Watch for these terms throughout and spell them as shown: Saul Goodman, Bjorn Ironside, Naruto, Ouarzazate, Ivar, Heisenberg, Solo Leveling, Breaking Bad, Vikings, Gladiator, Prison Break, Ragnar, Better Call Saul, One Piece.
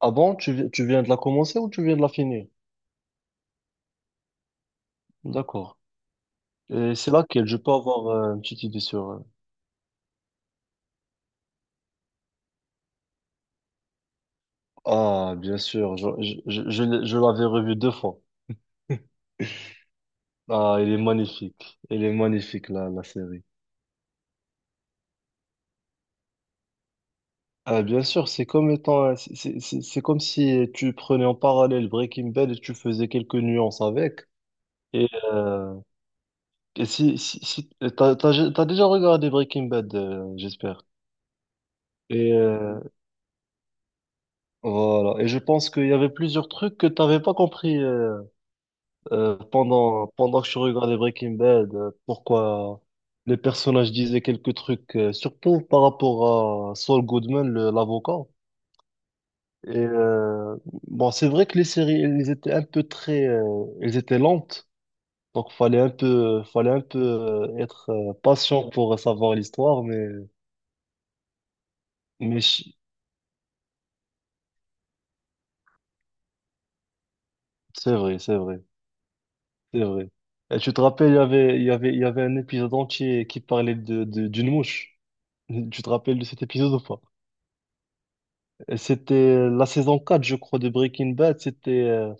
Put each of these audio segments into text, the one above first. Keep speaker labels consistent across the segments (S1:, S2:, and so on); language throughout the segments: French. S1: Ah bon, tu viens de la commencer ou tu viens de la finir? D'accord. Et c'est laquelle? Je peux avoir une petite idée sur. Ah, bien sûr, je l'avais revue deux fois. Ah, elle est magnifique. Elle est magnifique, la série. Ah, bien sûr, c'est comme si tu prenais en parallèle Breaking Bad et tu faisais quelques nuances avec. Et, euh, et si t'as déjà regardé Breaking Bad, j'espère. Et, euh, Voilà. Et je pense qu'il y avait plusieurs trucs que t'avais pas compris pendant que je regardais Breaking Bad. Pourquoi les personnages disaient quelques trucs, surtout par rapport à Saul Goodman, l'avocat. Et bon, c'est vrai que les séries, elles étaient un peu elles étaient lentes. Donc fallait un peu être patient pour savoir l'histoire, mais c'est vrai, c'est vrai. C'est vrai. Et tu te rappelles, il y avait un épisode entier qui parlait d'une mouche. Tu te rappelles de cet épisode ou pas? Et c'était la saison 4 je crois, de Breaking Bad. C'était, euh,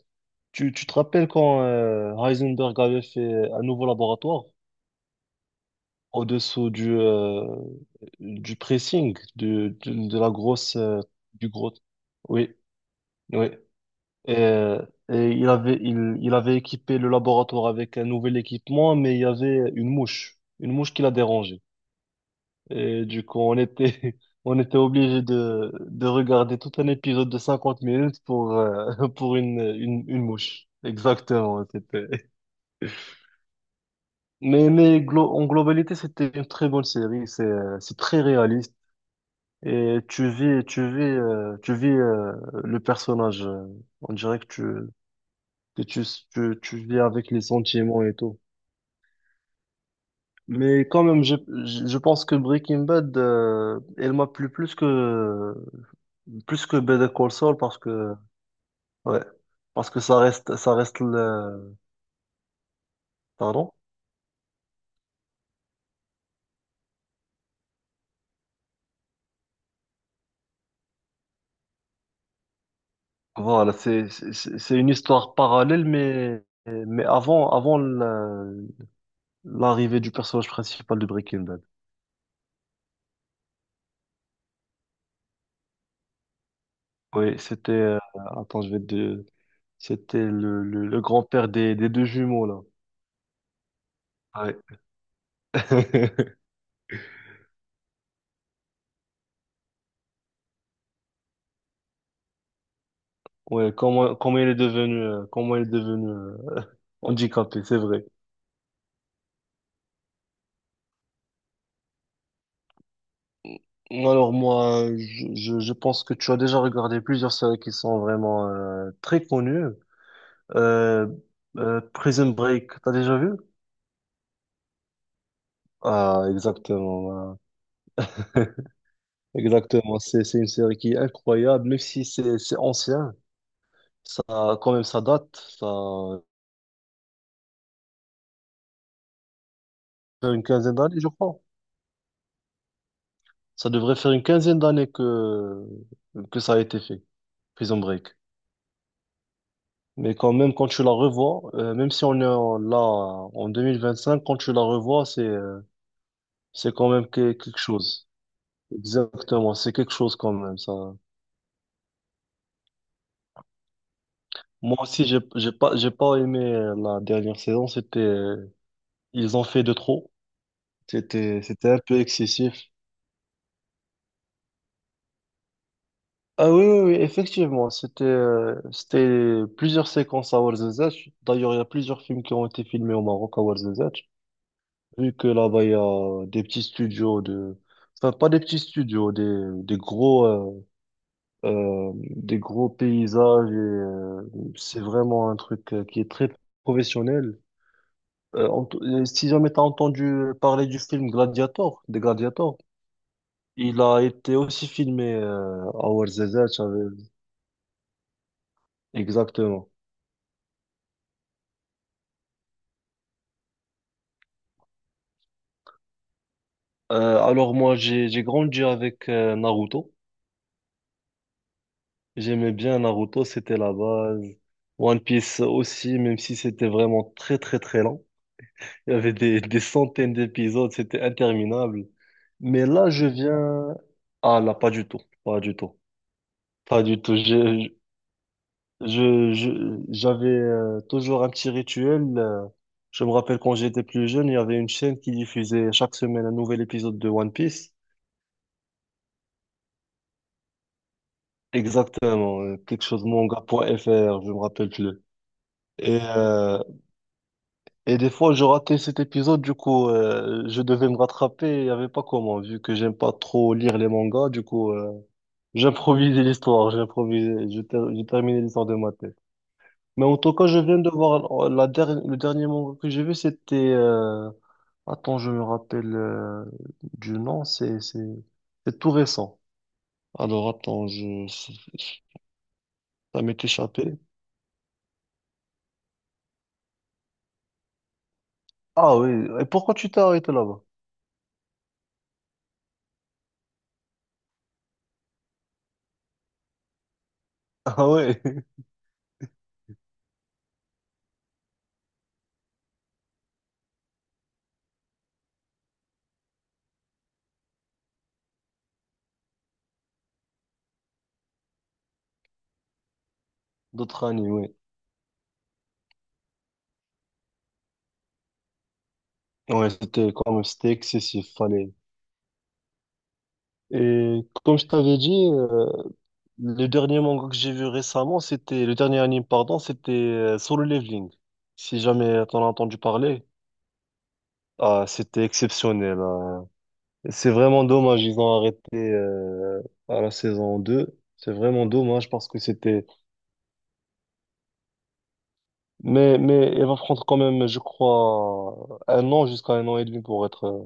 S1: tu, tu te rappelles quand Heisenberg avait fait un nouveau laboratoire au-dessous du pressing, du gros. Oui, oui. Et, euh, et il avait équipé le laboratoire avec un nouvel équipement, mais il y avait une mouche qui l'a dérangé. Et du coup, on était obligé de regarder tout un épisode de 50 minutes pour une mouche. Exactement, c'était. Mais en globalité, c'était une très bonne série. C'est très réaliste. Et tu vis, tu vis, tu vis le personnage. On dirait que que tu, tu vis avec les sentiments et tout. Mais quand même, je pense que Breaking Bad, elle m'a plu plus que plus que Better Call Saul parce que. Ouais. Parce que ça reste le. Pardon. Voilà, c'est une histoire parallèle, mais avant l'arrivée du personnage principal de Breaking Bad. Oui, c'était attends, je vais te c'était le grand-père des deux jumeaux là. Ouais. Ouais, comment il est devenu handicapé, c'est vrai. Alors moi, je pense que tu as déjà regardé plusieurs séries qui sont vraiment très connues. Euh, Prison Break, t'as déjà vu? Ah, exactement. Voilà. Exactement. C'est une série qui est incroyable, même si c'est ancien. Ça, quand même, ça date. Ça fait une quinzaine d'années, je crois. Ça devrait faire une quinzaine d'années que ça a été fait, Prison Break. Mais quand même, quand tu la revois, même si là en 2025, quand tu la revois, c'est. C'est quelque chose. Exactement, c'est quelque chose quand même, ça. Moi aussi, j'ai pas aimé la dernière saison. Ils ont fait de trop. C'était un peu excessif. Ah oui, oui, oui, effectivement. C'était plusieurs séquences à Ouarzazate. D'ailleurs, il y a plusieurs films qui ont été filmés au Maroc à Ouarzazate. Vu que là-bas, il y a des petits studios enfin, pas des petits studios, des gros, euh, des gros paysages et c'est vraiment un truc qui est très professionnel. Si jamais t'as entendu parler du film Gladiator, des Gladiators, il a été aussi filmé à Ouarzazate. Exactement. Alors moi, j'ai grandi avec Naruto. J'aimais bien Naruto, c'était la base. One Piece aussi, même si c'était vraiment très très très lent. Il y avait des centaines d'épisodes, c'était interminable. Mais là, je viens. Ah là, pas du tout, pas du tout, pas du tout. J'avais toujours un petit rituel. Je me rappelle quand j'étais plus jeune, il y avait une chaîne qui diffusait chaque semaine un nouvel épisode de One Piece. Exactement, quelque chose manga.manga.fr, je me rappelle plus. Et, euh, et des fois, je ratais cet épisode, du coup, je devais me rattraper, il n'y avait pas comment, vu que j'aime pas trop lire les mangas, du coup. J'ai improvisé l'histoire, j'ai improvisé, j'ai terminé l'histoire de ma tête. Mais en tout cas, je viens de voir le dernier manga que j'ai vu, c'était. Attends, je me rappelle du nom, c'est tout récent. Alors attends, je ça m'est échappé. Ah oui, et pourquoi tu t'es arrêté là-bas? Ah ouais, d'autres animes, oui. Ouais, c'était quand même c'était excessif, fallait. Et comme je t'avais dit, le dernier manga que j'ai vu récemment, c'était, le dernier anime, pardon, c'était Solo Leveling. Si jamais t'en as entendu parler, ah, c'était exceptionnel, hein. C'est vraiment dommage, ils ont arrêté à la saison 2. C'est vraiment dommage parce que c'était. Mais elle va prendre quand même, je crois, un an jusqu'à un an et demi pour être.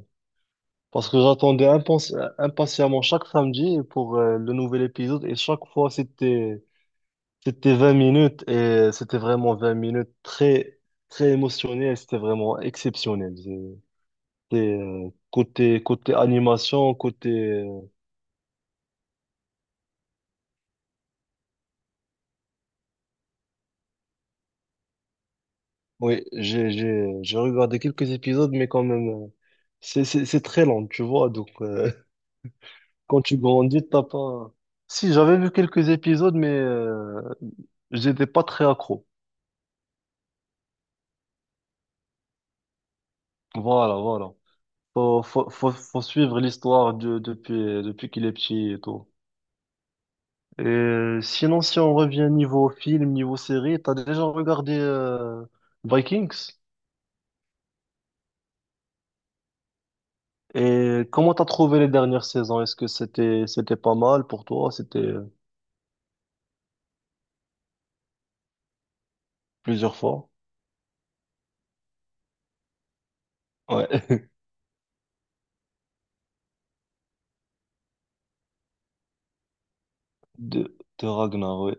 S1: Parce que impatiemment chaque samedi pour le nouvel épisode et chaque fois c'était. C'était 20 minutes et c'était vraiment 20 minutes très, très émotionnelles. C'était vraiment exceptionnel. Côté animation, euh, oui, j'ai regardé quelques épisodes, mais quand même, c'est très long, tu vois. Donc, quand tu grandis, t'as pas, si j'avais vu quelques épisodes, mais, j'étais pas très accro. Voilà, voilà. Faut suivre l'histoire depuis qu'il est petit et tout. Et sinon, si on revient niveau film, niveau série, t'as déjà regardé Vikings? Et comment t'as trouvé les dernières saisons? Est-ce que c'était pas mal pour toi? C'était plusieurs fois. Ouais. De Ragnar, ouais.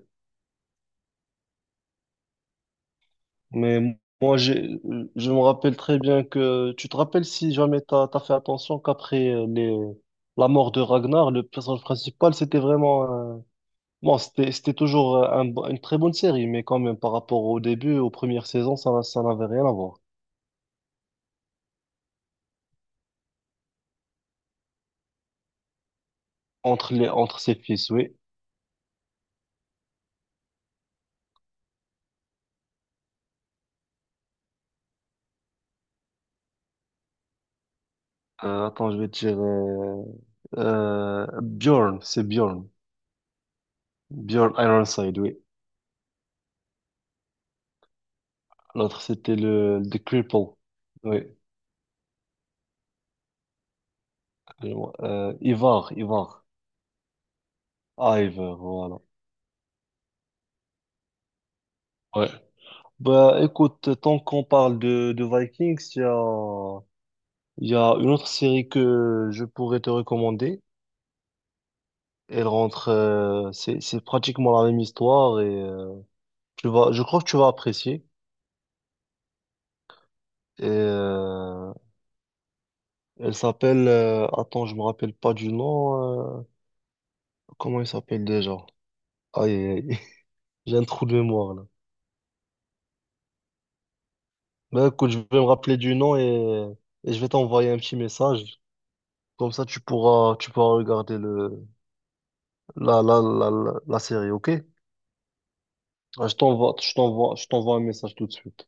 S1: Mais moi, je me rappelle très bien que tu te rappelles si jamais t'as fait attention qu'après les la mort de Ragnar, le personnage principal, c'était vraiment. Bon, c'était toujours un une très bonne série, mais quand même, par rapport au début, aux premières saisons, ça n'avait rien à voir. Entre ses fils, oui. Attends, je vais te dire, Bjorn, c'est Bjorn. Bjorn Ironside, oui. L'autre, c'était The Cripple. Oui. Ivar, Ivar. Ah, Ivar, voilà. Ouais. Bah, écoute, tant qu'on parle de Vikings, il y a une autre série que je pourrais te recommander. Elle rentre, c'est pratiquement la même histoire et tu vas, je crois que tu vas apprécier. Et, euh, Elle s'appelle, attends, je me rappelle pas du nom. Comment il s'appelle déjà? Aïe, aïe, aïe. J'ai un trou de mémoire là. Ben écoute, je vais me rappeler du nom et je vais t'envoyer un petit message. Comme ça, tu pourras regarder le, la série, ok? Ah, je t'envoie un message tout de suite.